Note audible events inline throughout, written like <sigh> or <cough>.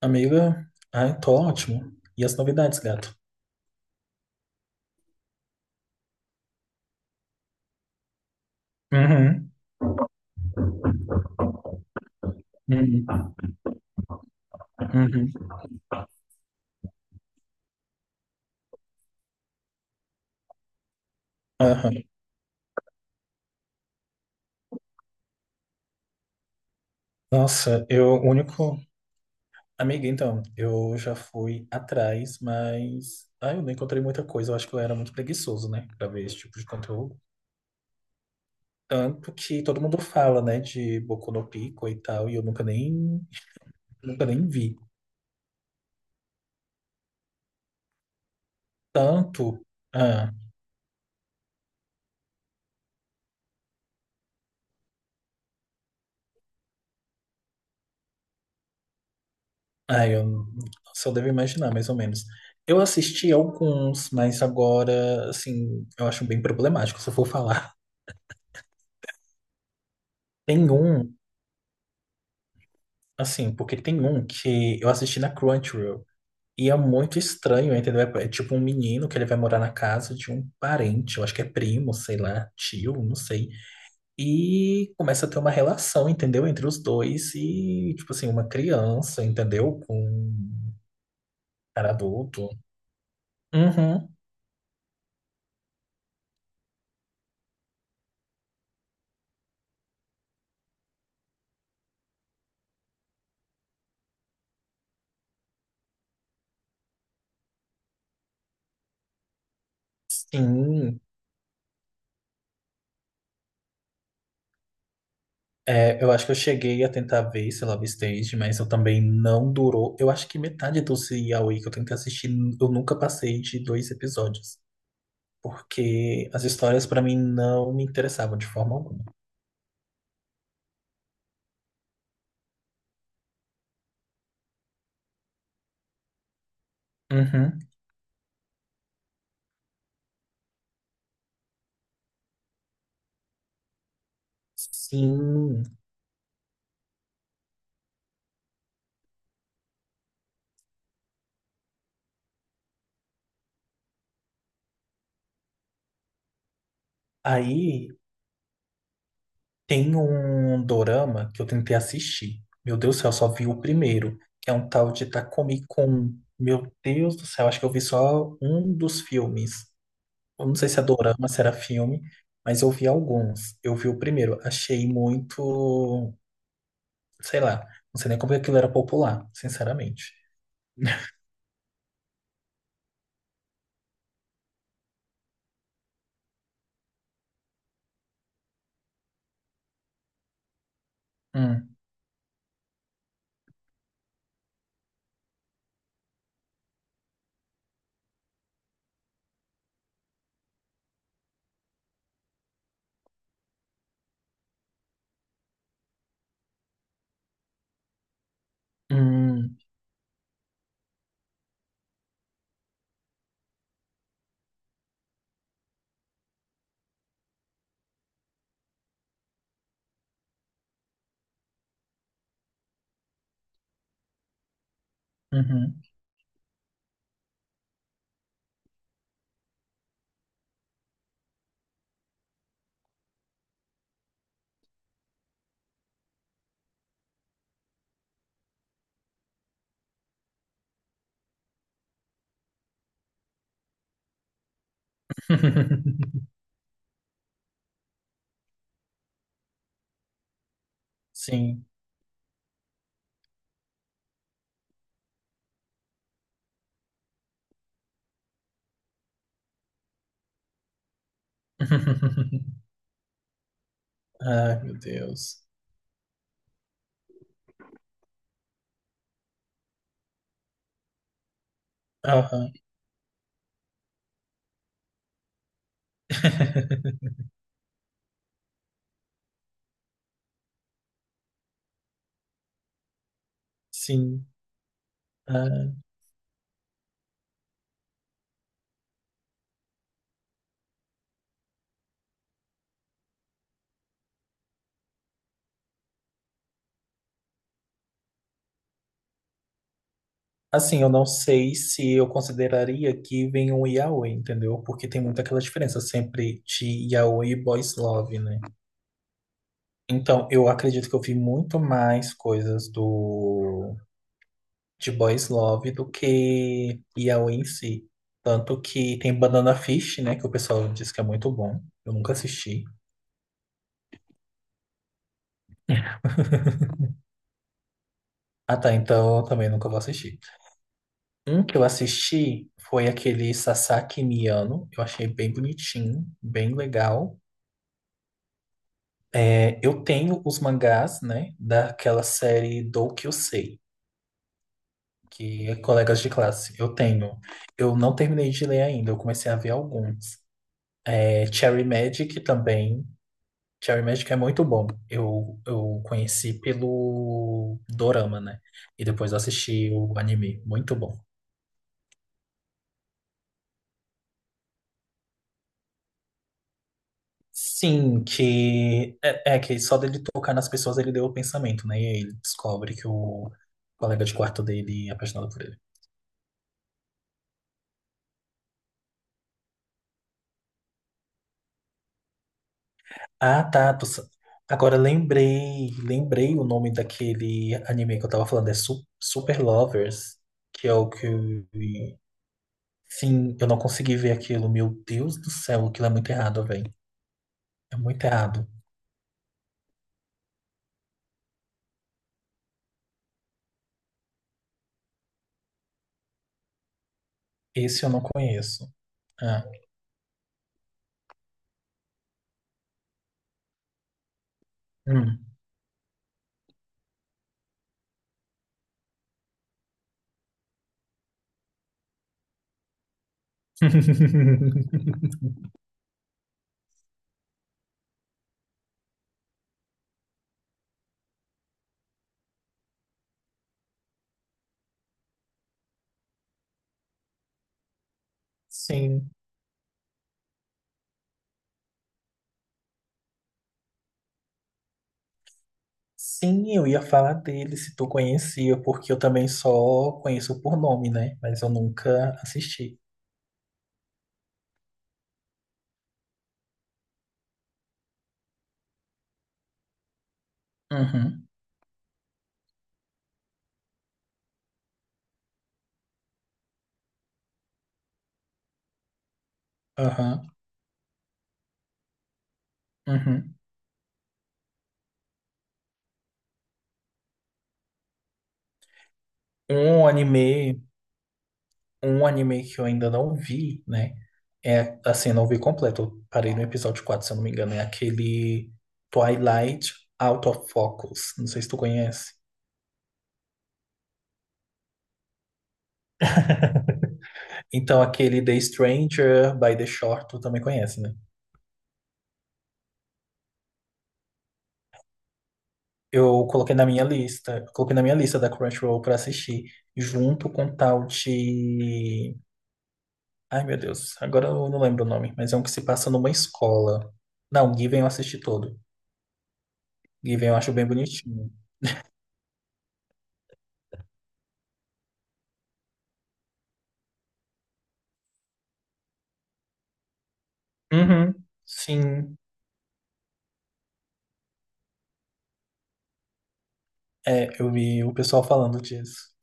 Amiga, ai, tô ótimo. E as novidades, gato? Uhum, uhum, uhum. Aham. Nossa, eu, o único. Amiga, então, eu já fui atrás, mas. Ai, eu não encontrei muita coisa. Eu acho que eu era muito preguiçoso, né, pra ver esse tipo de conteúdo. Tanto que todo mundo fala, né, de Boku no Pico e tal, e eu nunca nem vi. Tanto. Ah. Ah, eu só devo imaginar, mais ou menos. Eu assisti alguns, mas agora, assim, eu acho bem problemático, se eu for falar. <laughs> Tem um, assim, porque tem um que eu assisti na Crunchyroll. E é muito estranho, entendeu? É tipo um menino que ele vai morar na casa de um parente, eu acho que é primo, sei lá, tio, não sei. E começa a ter uma relação, entendeu? Entre os dois e, tipo assim, uma criança, entendeu? Com um cara adulto. Uhum, sim. É, eu acho que eu cheguei a tentar ver esse Love Stage, mas eu também não durou. Eu acho que metade do Yaoi que eu tentei assistir, eu nunca passei de dois episódios. Porque as histórias pra mim não me interessavam de forma alguma. Uhum. Sim. Aí tem um dorama que eu tentei assistir. Meu Deus do céu, eu só vi o primeiro, que é um tal de Takumi-kun. Meu Deus do céu, acho que eu vi só um dos filmes. Eu não sei se é dorama, se era filme, mas eu vi alguns. Eu vi o primeiro, achei muito, sei lá, não sei nem como que aquilo era popular, sinceramente. <laughs> Hum, hum, uhum. <laughs> Sim. <laughs> Ai, meu Deus. Aham. <laughs> Sim. Ah, assim, eu não sei se eu consideraria que vem um yaoi, entendeu? Porque tem muita aquela diferença sempre de yaoi e boys love, né? Então, eu acredito que eu vi muito mais coisas do de Boys Love do que Yaoi em si. Tanto que tem Banana Fish, né? Que o pessoal diz que é muito bom. Eu nunca assisti. <laughs> Ah, tá. Então eu também nunca vou assistir. Um que eu assisti foi aquele Sasaki Miano. Eu achei bem bonitinho, bem legal. É, eu tenho os mangás, né? Daquela série Do Kyusei, que é colegas de classe. Eu tenho. Eu não terminei de ler ainda, eu comecei a ver alguns. É, Cherry Magic também. Cherry Magic é muito bom. Eu conheci pelo Dorama, né? E depois assisti o anime. Muito bom. Sim, que é, é que só dele tocar nas pessoas ele deu o pensamento, né? E aí ele descobre que o colega de quarto dele é apaixonado por ele. Ah, tá. Agora lembrei, lembrei o nome daquele anime que eu tava falando, é Super Lovers, que é o que eu vi. Sim, eu não consegui ver aquilo. Meu Deus do céu, aquilo é muito errado, velho. É muito errado. Esse eu não conheço. Ah, hum. <laughs> Sim. Sim, eu ia falar dele se tu conhecia, porque eu também só conheço por nome, né? Mas eu nunca assisti. Uhum, aham, uhum. Um anime. Um anime que eu ainda não vi, né? É, assim, não vi completo. Eu parei no episódio 4, se eu não me engano. É aquele Twilight Out of Focus. Não sei se tu conhece. Então, aquele The Stranger by the Shore, tu também conhece, né? Eu coloquei na minha lista. Eu coloquei na minha lista da Crunchyroll pra assistir. Junto com o tal de... Ai, meu Deus. Agora eu não lembro o nome. Mas é um que se passa numa escola. Não, Given eu assisti todo. Given eu acho bem bonitinho. Uhum. Sim. É, eu vi o pessoal falando disso.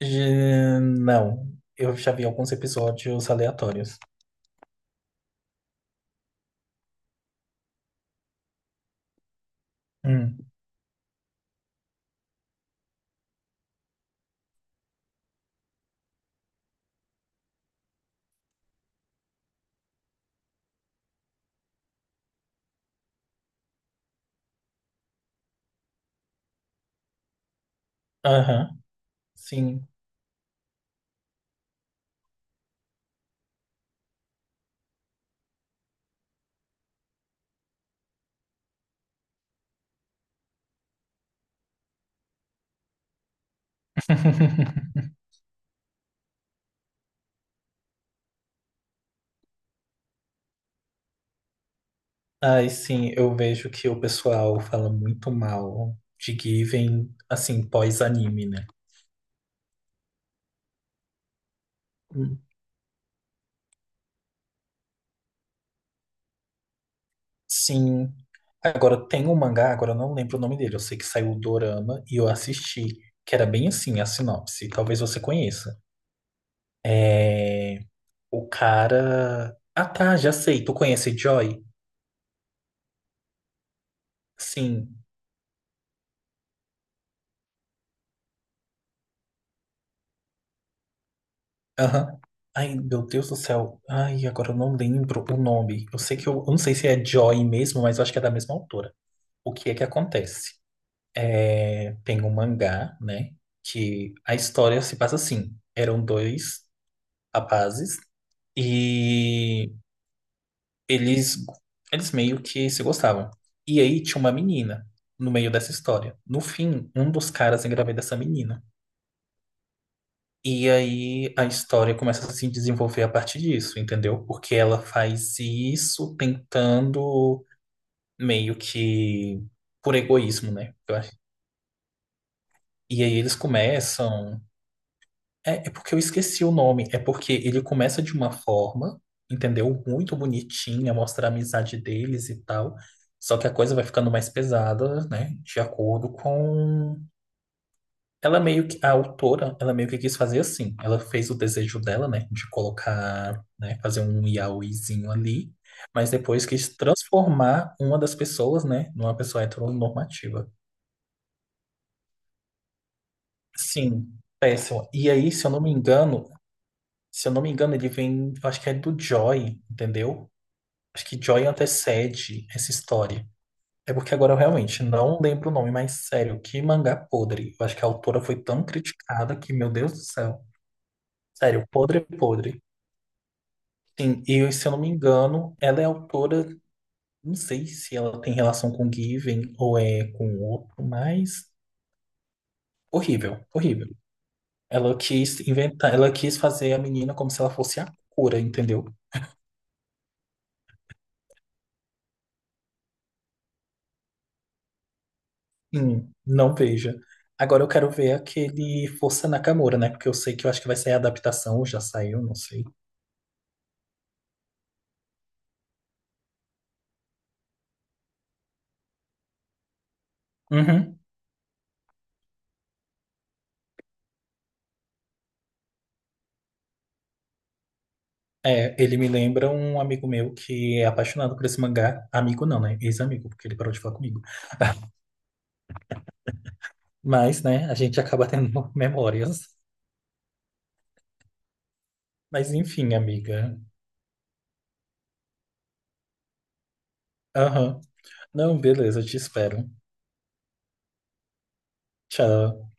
Não, eu já vi alguns episódios aleatórios. Hum. Aham, sim. <laughs> Ai, sim, eu vejo que o pessoal fala muito mal de Given, assim, pós-anime, né? Hum. Sim. Agora tem um mangá, agora eu não lembro o nome dele. Eu sei que saiu o Dorama e eu assisti, que era bem assim a sinopse. Talvez você conheça. É... O cara. Ah, tá, já sei. Tu conhece Joy? Sim. Aham. Ai, meu Deus do céu. Ai, agora eu não lembro o nome. Eu sei que eu não sei se é Joy mesmo, mas eu acho que é da mesma autora. O que é que acontece? É, tem um mangá, né? Que a história se passa assim. Eram dois rapazes e eles, eles meio que se gostavam. E aí tinha uma menina no meio dessa história. No fim, um dos caras engravida essa menina. E aí a história começa a se desenvolver a partir disso, entendeu? Porque ela faz isso tentando meio que por egoísmo, né? Eu acho. E aí eles começam. É porque eu esqueci o nome. É porque ele começa de uma forma, entendeu? Muito bonitinha, mostra a amizade deles e tal. Só que a coisa vai ficando mais pesada, né? De acordo com... Ela é meio que, a autora, ela meio que quis fazer assim. Ela fez o desejo dela, né, de colocar, né, fazer um yaoizinho ali, mas depois quis transformar uma das pessoas, né, numa pessoa heteronormativa. Sim, péssimo. E aí, se eu não me engano, se eu não me engano, ele vem, eu acho que é do Joy, entendeu? Acho que Joy antecede essa história. É porque agora eu realmente não lembro o nome, mas sério, que mangá podre. Eu acho que a autora foi tão criticada que, meu Deus do céu. Sério, podre, podre. Sim, e se eu não me engano, ela é autora, não sei se ela tem relação com Given ou é com outro, mas horrível, horrível. Ela quis inventar, ela quis fazer a menina como se ela fosse a cura, entendeu? Não veja. Agora eu quero ver aquele Força Nakamura, né? Porque eu sei que eu acho que vai sair a adaptação, ou já saiu, não sei. Uhum. É, ele me lembra um amigo meu que é apaixonado por esse mangá. Amigo não, né? Ex-amigo, porque ele parou de falar comigo. <laughs> Mas, né, a gente acaba tendo <laughs> memórias. Mas enfim, amiga. Aham. Não, beleza, te espero. Tchau.